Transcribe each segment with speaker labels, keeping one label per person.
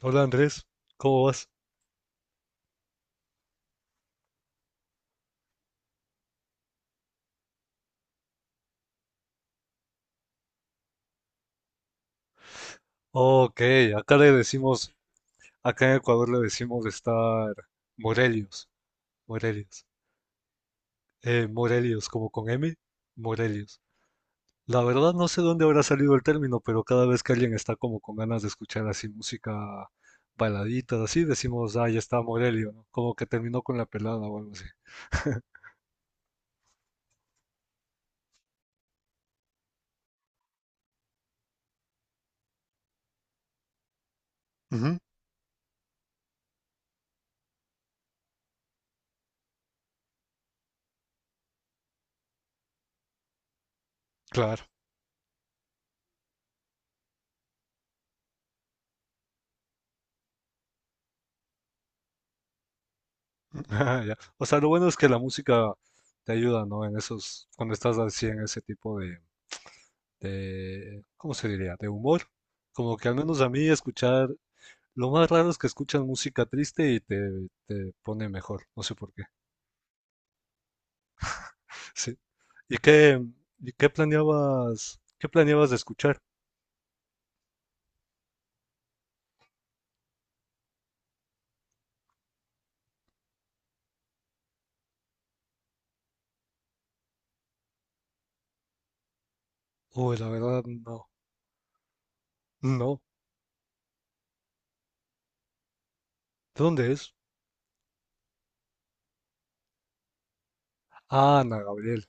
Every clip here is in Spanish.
Speaker 1: Hola Andrés, ¿cómo vas? Ok, acá le decimos, acá en Ecuador le decimos estar Morelios, Morelios, Morelios, como con M, Morelios. La verdad no sé dónde habrá salido el término, pero cada vez que alguien está como con ganas de escuchar así música baladita, así decimos, ah, ya está Morelio, ¿no? Como que terminó con la pelada o algo así. Ujú. Claro, ah, ya. O sea, lo bueno es que la música te ayuda, ¿no? En esos, cuando estás así en ese tipo de, ¿cómo se diría? De humor. Como que al menos a mí escuchar, lo más raro es que escuchas música triste y te pone mejor, no sé por qué. Sí. ¿Y qué, y qué planeabas de escuchar? Uy, la verdad, no. ¿De dónde es? Ah, Ana Gabriel.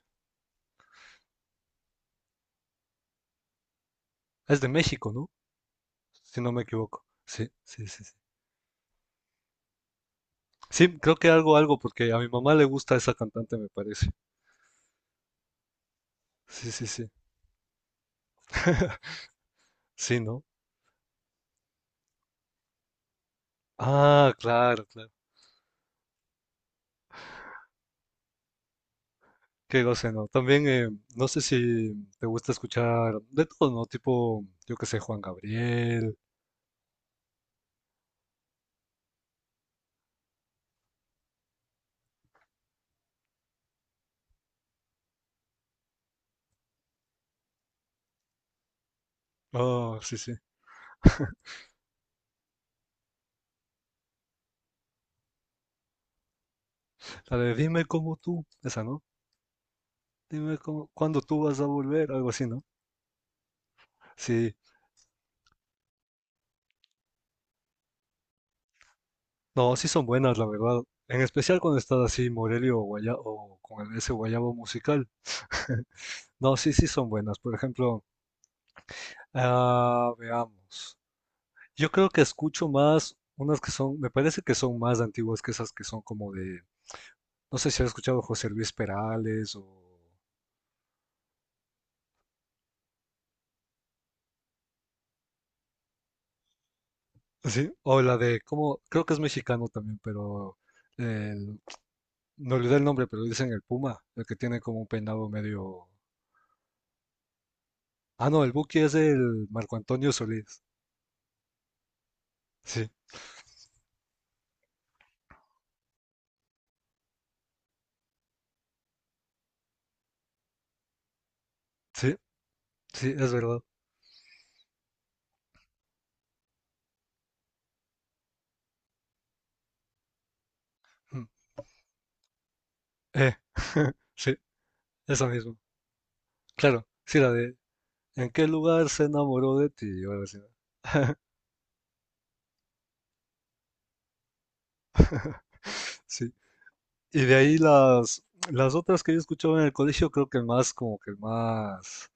Speaker 1: Es de México, ¿no? Si no me equivoco. Sí, sí, sí, sí. Sí, creo que algo, algo, porque a mi mamá le gusta esa cantante, me parece. Sí, sí, sí. Sí, ¿no? Ah, claro, claro. Qué no también, no sé si te gusta escuchar de todo, ¿no? Tipo, yo qué sé, Juan Gabriel. Oh, sí, sí. La de Dime cómo tú, esa, ¿no? Dime cómo, cuándo tú vas a volver, algo así, ¿no? Sí. No, sí son buenas, la verdad. En especial cuando estás así, Morelio o ese guayabo musical. No, sí, sí son buenas. Por ejemplo, ah, veamos. Yo creo que escucho más unas que son, me parece que son más antiguas que esas que son como de. No sé si has escuchado José Luis Perales o así, o la de cómo, creo que es mexicano también, pero el- me olvidé el nombre, pero dicen el Puma, el que tiene como un peinado medio. Ah, no, el Buki es el Marco Antonio Solís. Sí, sí, sí, es verdad. Mm, Eh, sí, eso mismo. Claro, sí, la de ¿en qué lugar se enamoró de ti? O algo así, ¿no? Sí. Y de ahí las otras que yo escuchaba en el colegio, creo que el más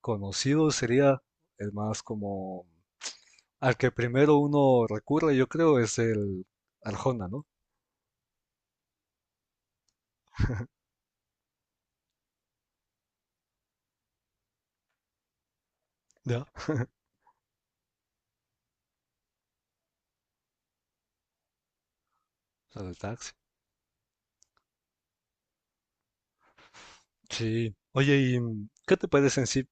Speaker 1: conocido sería el más como al que primero uno recurre, yo creo, es el Arjona, ¿no? Ya. Al del taxi. Sí. Oye, ¿y qué te parece en sí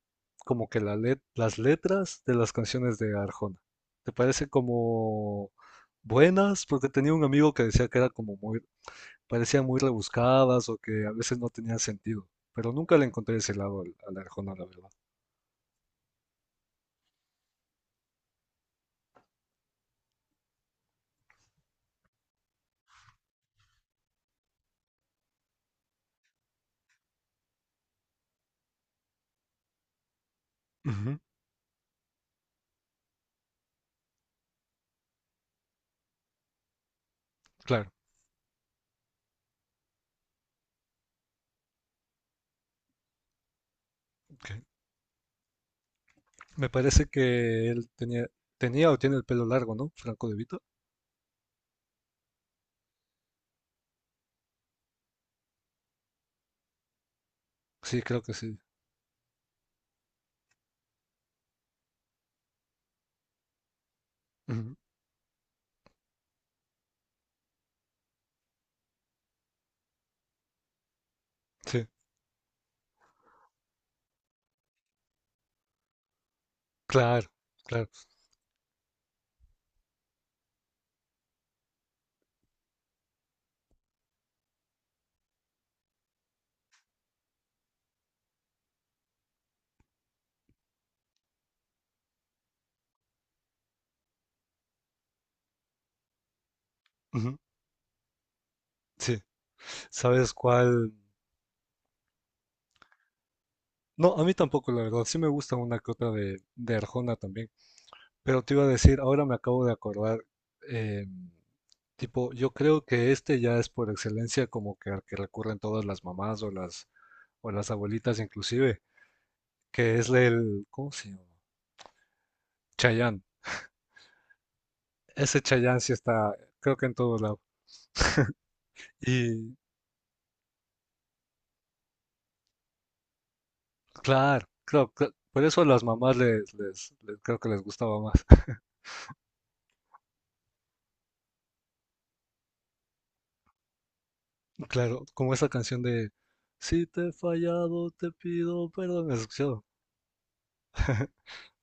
Speaker 1: como que las letras de las canciones de Arjona? ¿Te parece como buenas? Porque tenía un amigo que decía que era como muy, parecían muy rebuscadas o que a veces no tenían sentido, pero nunca le encontré ese lado al Arjona, la verdad. Ujú, claro. Ok. Me parece que tenía o tiene el pelo largo, ¿no? Franco De Vito. Sí, creo que sí. Ujú, sí, claro, claro. Ujú, sí. ¿Sabes cuál? No, a mí tampoco, la verdad. Sí me gusta una que otra de Arjona también. Pero te iba a decir, ahora me acabo de acordar, eh, tipo, yo creo que este ya es por excelencia como que al que recurren todas las mamás o las abuelitas inclusive, que es el, ¿cómo se llama? Chayán. Ese Chayán sí está, creo que en todo lado. Y por eso a las mamás creo que les gustaba más. Claro, como esa canción de si te he fallado, te pido perdón. ¿Has escuchado?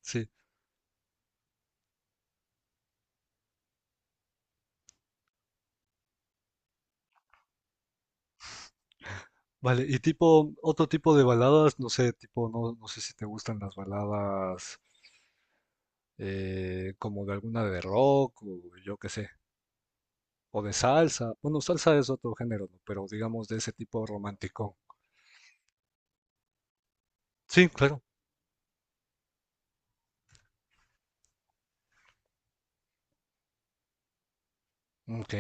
Speaker 1: Sí. Vale, y tipo, otro tipo de baladas, no sé, tipo, no sé si te gustan las baladas como de alguna de rock o yo qué sé, o de salsa. Bueno, salsa es otro género, ¿no? Pero digamos de ese tipo romántico. Sí, claro. Ok.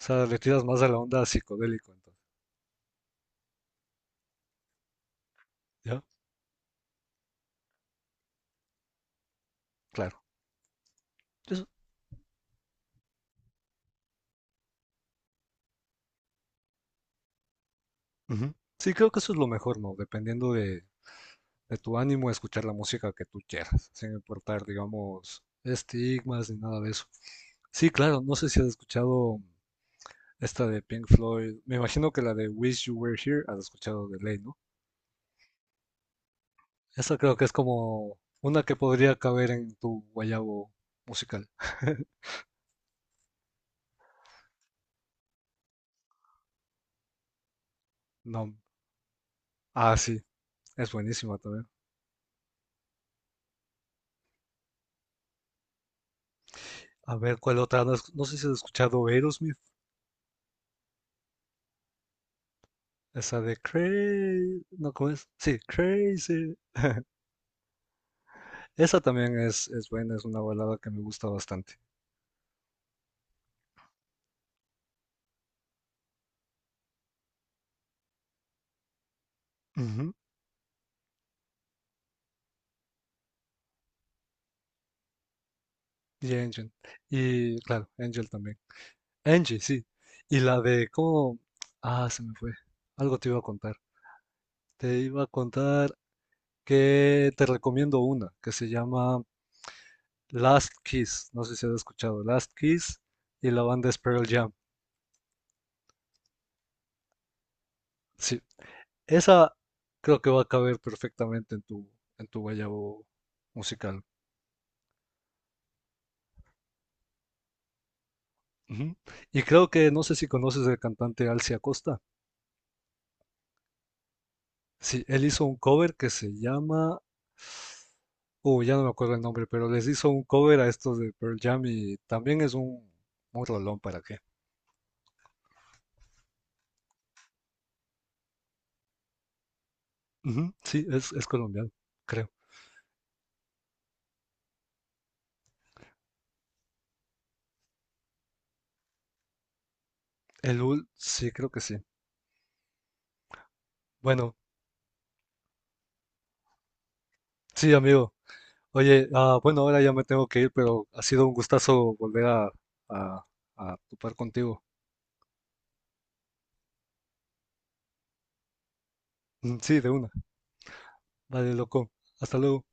Speaker 1: O sea, le tiras más a la onda psicodélico, entonces. ¿Ya? Claro. Eso- Ujú. Sí, creo que eso es lo mejor, ¿no? Dependiendo de tu ánimo, escuchar la música que tú quieras, sin importar, digamos, estigmas ni nada de eso. Sí, claro, no sé si has escuchado esta de Pink Floyd. Me imagino que la de Wish You Were Here has escuchado de ley, ¿no? Esa creo que es como una que podría caber en tu guayabo musical. No. Ah, sí, es buenísima también. A ver, ¿cuál otra? No, no sé si has escuchado Aerosmith. Esa de Crazy. No, ¿cómo es? Sí, Crazy. Esa también es buena, es una balada que me gusta bastante. Ujú. Y Angel. Y claro, Angel también. Angie, sí. Y la de cómo... Ah, se me fue. Algo te iba a contar. Te iba a contar que te recomiendo una que se llama Last Kiss. No sé si has escuchado. Last Kiss y la banda es Pearl Jam. Sí. Esa creo que va a caber perfectamente en en tu guayabo musical. Ujú. Y creo que no sé si conoces al cantante Alcia Costa. Sí, él hizo un cover que se llama... ya no me acuerdo el nombre, pero les hizo un cover a estos de Pearl Jam y también es un rolón para qué. Ujú, sí, es colombiano, creo. El UL, sí, creo que sí. Bueno, sí, amigo. Oye, bueno, ahora ya me tengo que ir, pero ha sido un gustazo volver a, a topar contigo. Mm, sí, de una. Vale, loco. Hasta luego.